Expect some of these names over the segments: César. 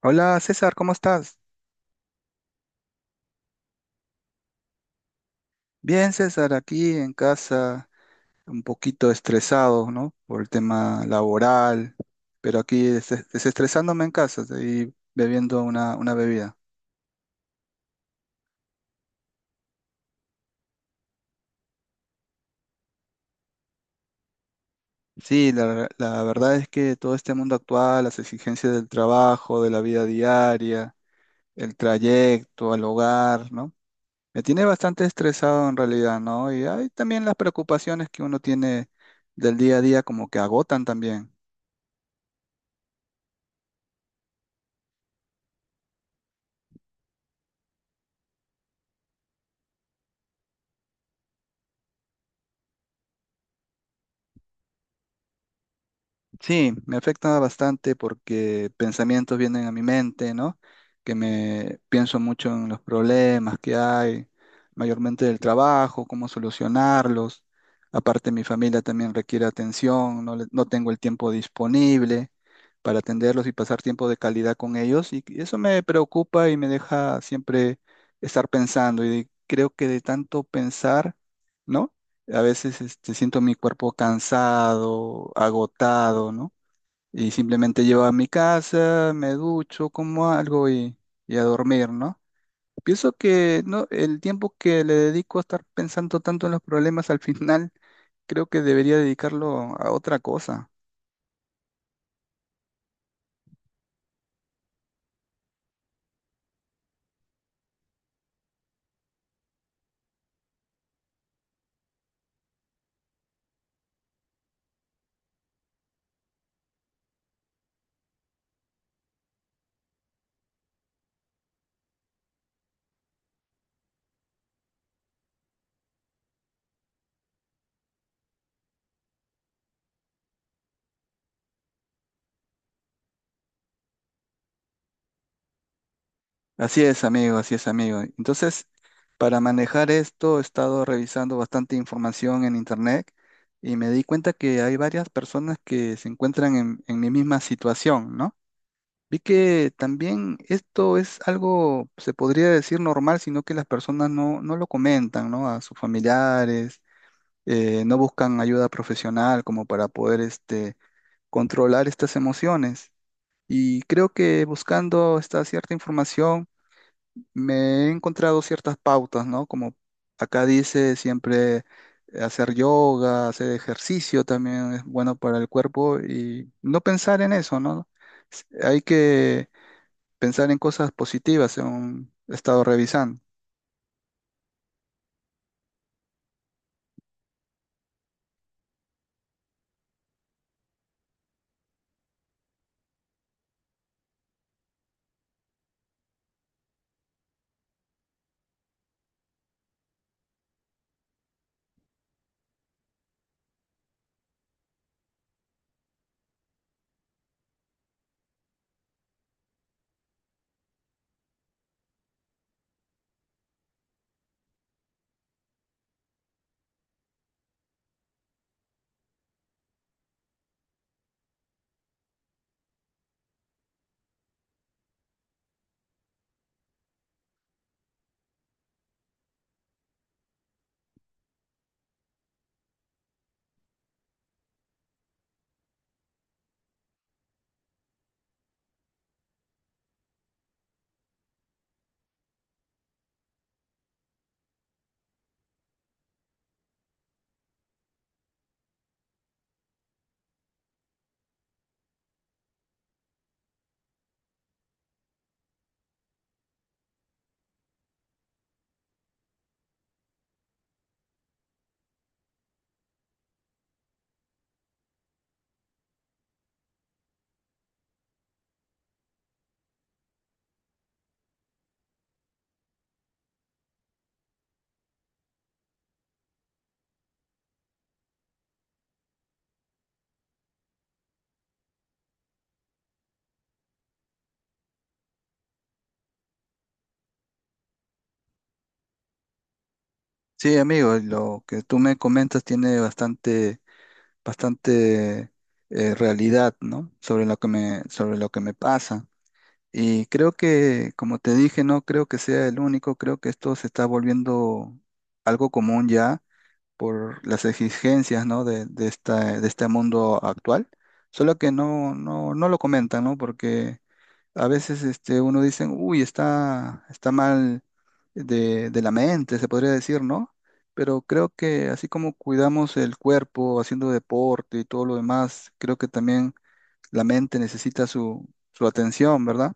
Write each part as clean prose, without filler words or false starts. Hola César, ¿cómo estás? Bien, César, aquí en casa, un poquito estresado, ¿no? Por el tema laboral, pero aquí desestresándome en casa y bebiendo una bebida. Sí, la verdad es que todo este mundo actual, las exigencias del trabajo, de la vida diaria, el trayecto al hogar, ¿no? Me tiene bastante estresado en realidad, ¿no? Y hay también las preocupaciones que uno tiene del día a día como que agotan también. Sí, me afecta bastante porque pensamientos vienen a mi mente, ¿no? Que me pienso mucho en los problemas que hay, mayormente del trabajo, cómo solucionarlos. Aparte, mi familia también requiere atención, no, no tengo el tiempo disponible para atenderlos y pasar tiempo de calidad con ellos. Y eso me preocupa y me deja siempre estar pensando. Creo que de tanto pensar, ¿no? A veces siento mi cuerpo cansado, agotado, ¿no? Y simplemente llego a mi casa, me ducho, como algo y a dormir, ¿no? Pienso que no, el tiempo que le dedico a estar pensando tanto en los problemas al final, creo que debería dedicarlo a otra cosa. Así es, amigo, así es, amigo. Entonces, para manejar esto, he estado revisando bastante información en internet y me di cuenta que hay varias personas que se encuentran en mi misma situación, ¿no? Vi que también esto es algo, se podría decir normal, sino que las personas no lo comentan, ¿no? A sus familiares, no buscan ayuda profesional como para poder controlar estas emociones. Y creo que buscando esta cierta información me he encontrado ciertas pautas, ¿no? Como acá dice, siempre hacer yoga, hacer ejercicio también es bueno para el cuerpo y no pensar en eso, ¿no? Hay que pensar en cosas positivas, según he estado revisando. Sí, amigo, lo que tú me comentas tiene bastante realidad, ¿no? Sobre lo que sobre lo que me pasa. Y creo que, como te dije, no creo que sea el único, creo que esto se está volviendo algo común ya por las exigencias, ¿no? De este mundo actual. Solo que no lo comentan, ¿no? Porque a veces uno dice, uy, está mal de la mente, se podría decir, ¿no? Pero creo que así como cuidamos el cuerpo haciendo deporte y todo lo demás, creo que también la mente necesita su atención, ¿verdad?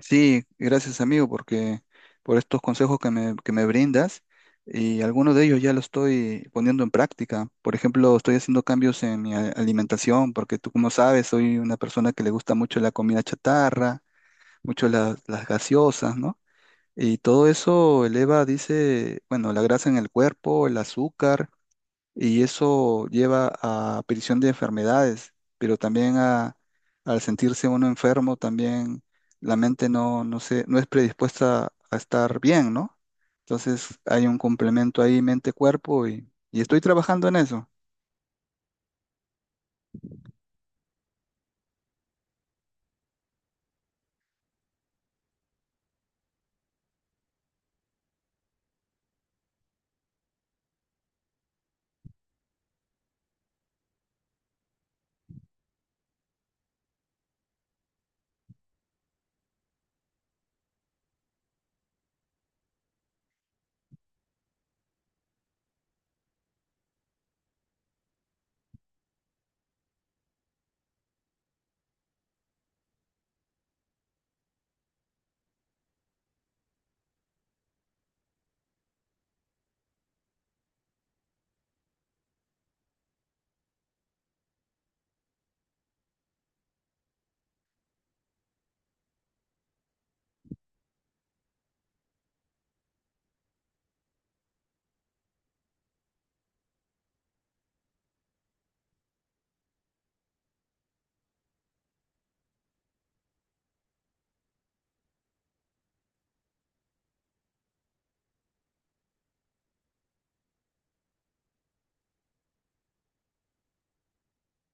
Sí, gracias amigo, porque por estos consejos que me brindas y algunos de ellos ya los estoy poniendo en práctica. Por ejemplo, estoy haciendo cambios en alimentación, porque tú como sabes, soy una persona que le gusta mucho la comida chatarra, mucho las gaseosas, ¿no? Y todo eso eleva, dice, bueno, la grasa en el cuerpo, el azúcar, y eso lleva a aparición de enfermedades, pero también a, al sentirse uno enfermo, también la mente no es predispuesta a estar bien, ¿no? Entonces hay un complemento ahí mente-cuerpo y estoy trabajando en eso.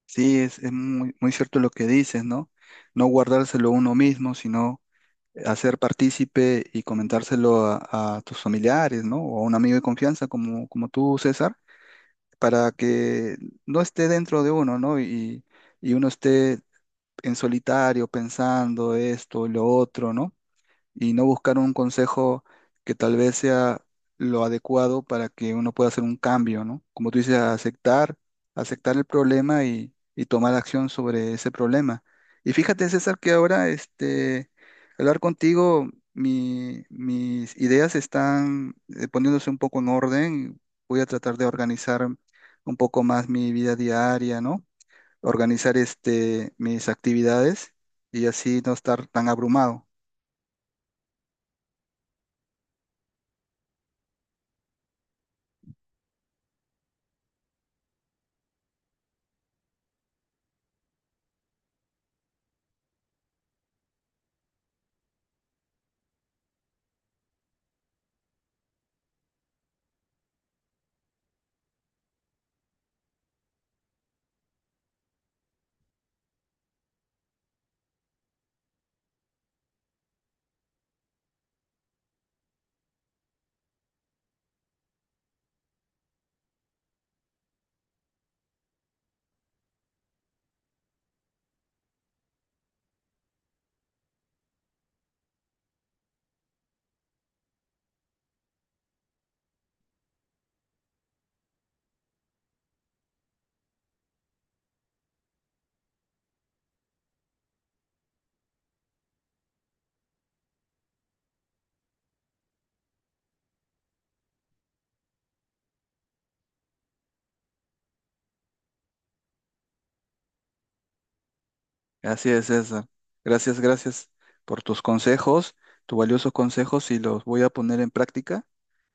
Sí, es muy cierto lo que dices, ¿no? No guardárselo uno mismo, sino hacer partícipe y comentárselo a tus familiares, ¿no? O a un amigo de confianza como, como tú, César, para que no esté dentro de uno, ¿no? Y uno esté en solitario pensando esto y lo otro, ¿no?, y no buscar un consejo que tal vez sea lo adecuado para que uno pueda hacer un cambio, ¿no? Como tú dices, aceptar, aceptar el problema y tomar acción sobre ese problema. Y fíjate, César, que ahora hablar contigo, mis ideas están poniéndose un poco en orden. Voy a tratar de organizar un poco más mi vida diaria, ¿no? Organizar mis actividades y así no estar tan abrumado. Así es, César. Gracias, gracias por tus consejos, tus valiosos consejos y los voy a poner en práctica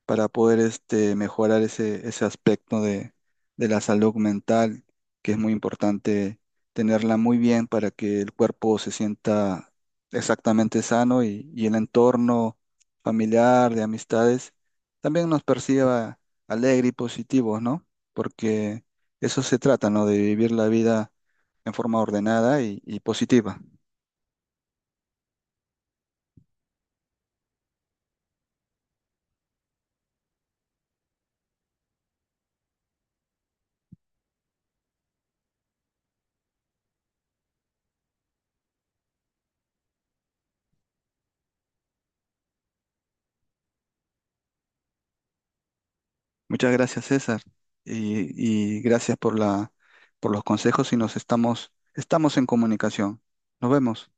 para poder mejorar ese aspecto de la salud mental, que es muy importante tenerla muy bien para que el cuerpo se sienta exactamente sano y el entorno familiar, de amistades, también nos perciba alegre y positivos, ¿no? Porque eso se trata, ¿no? De vivir la vida en forma ordenada y positiva. Muchas gracias, César, y gracias por por los consejos y estamos en comunicación. Nos vemos.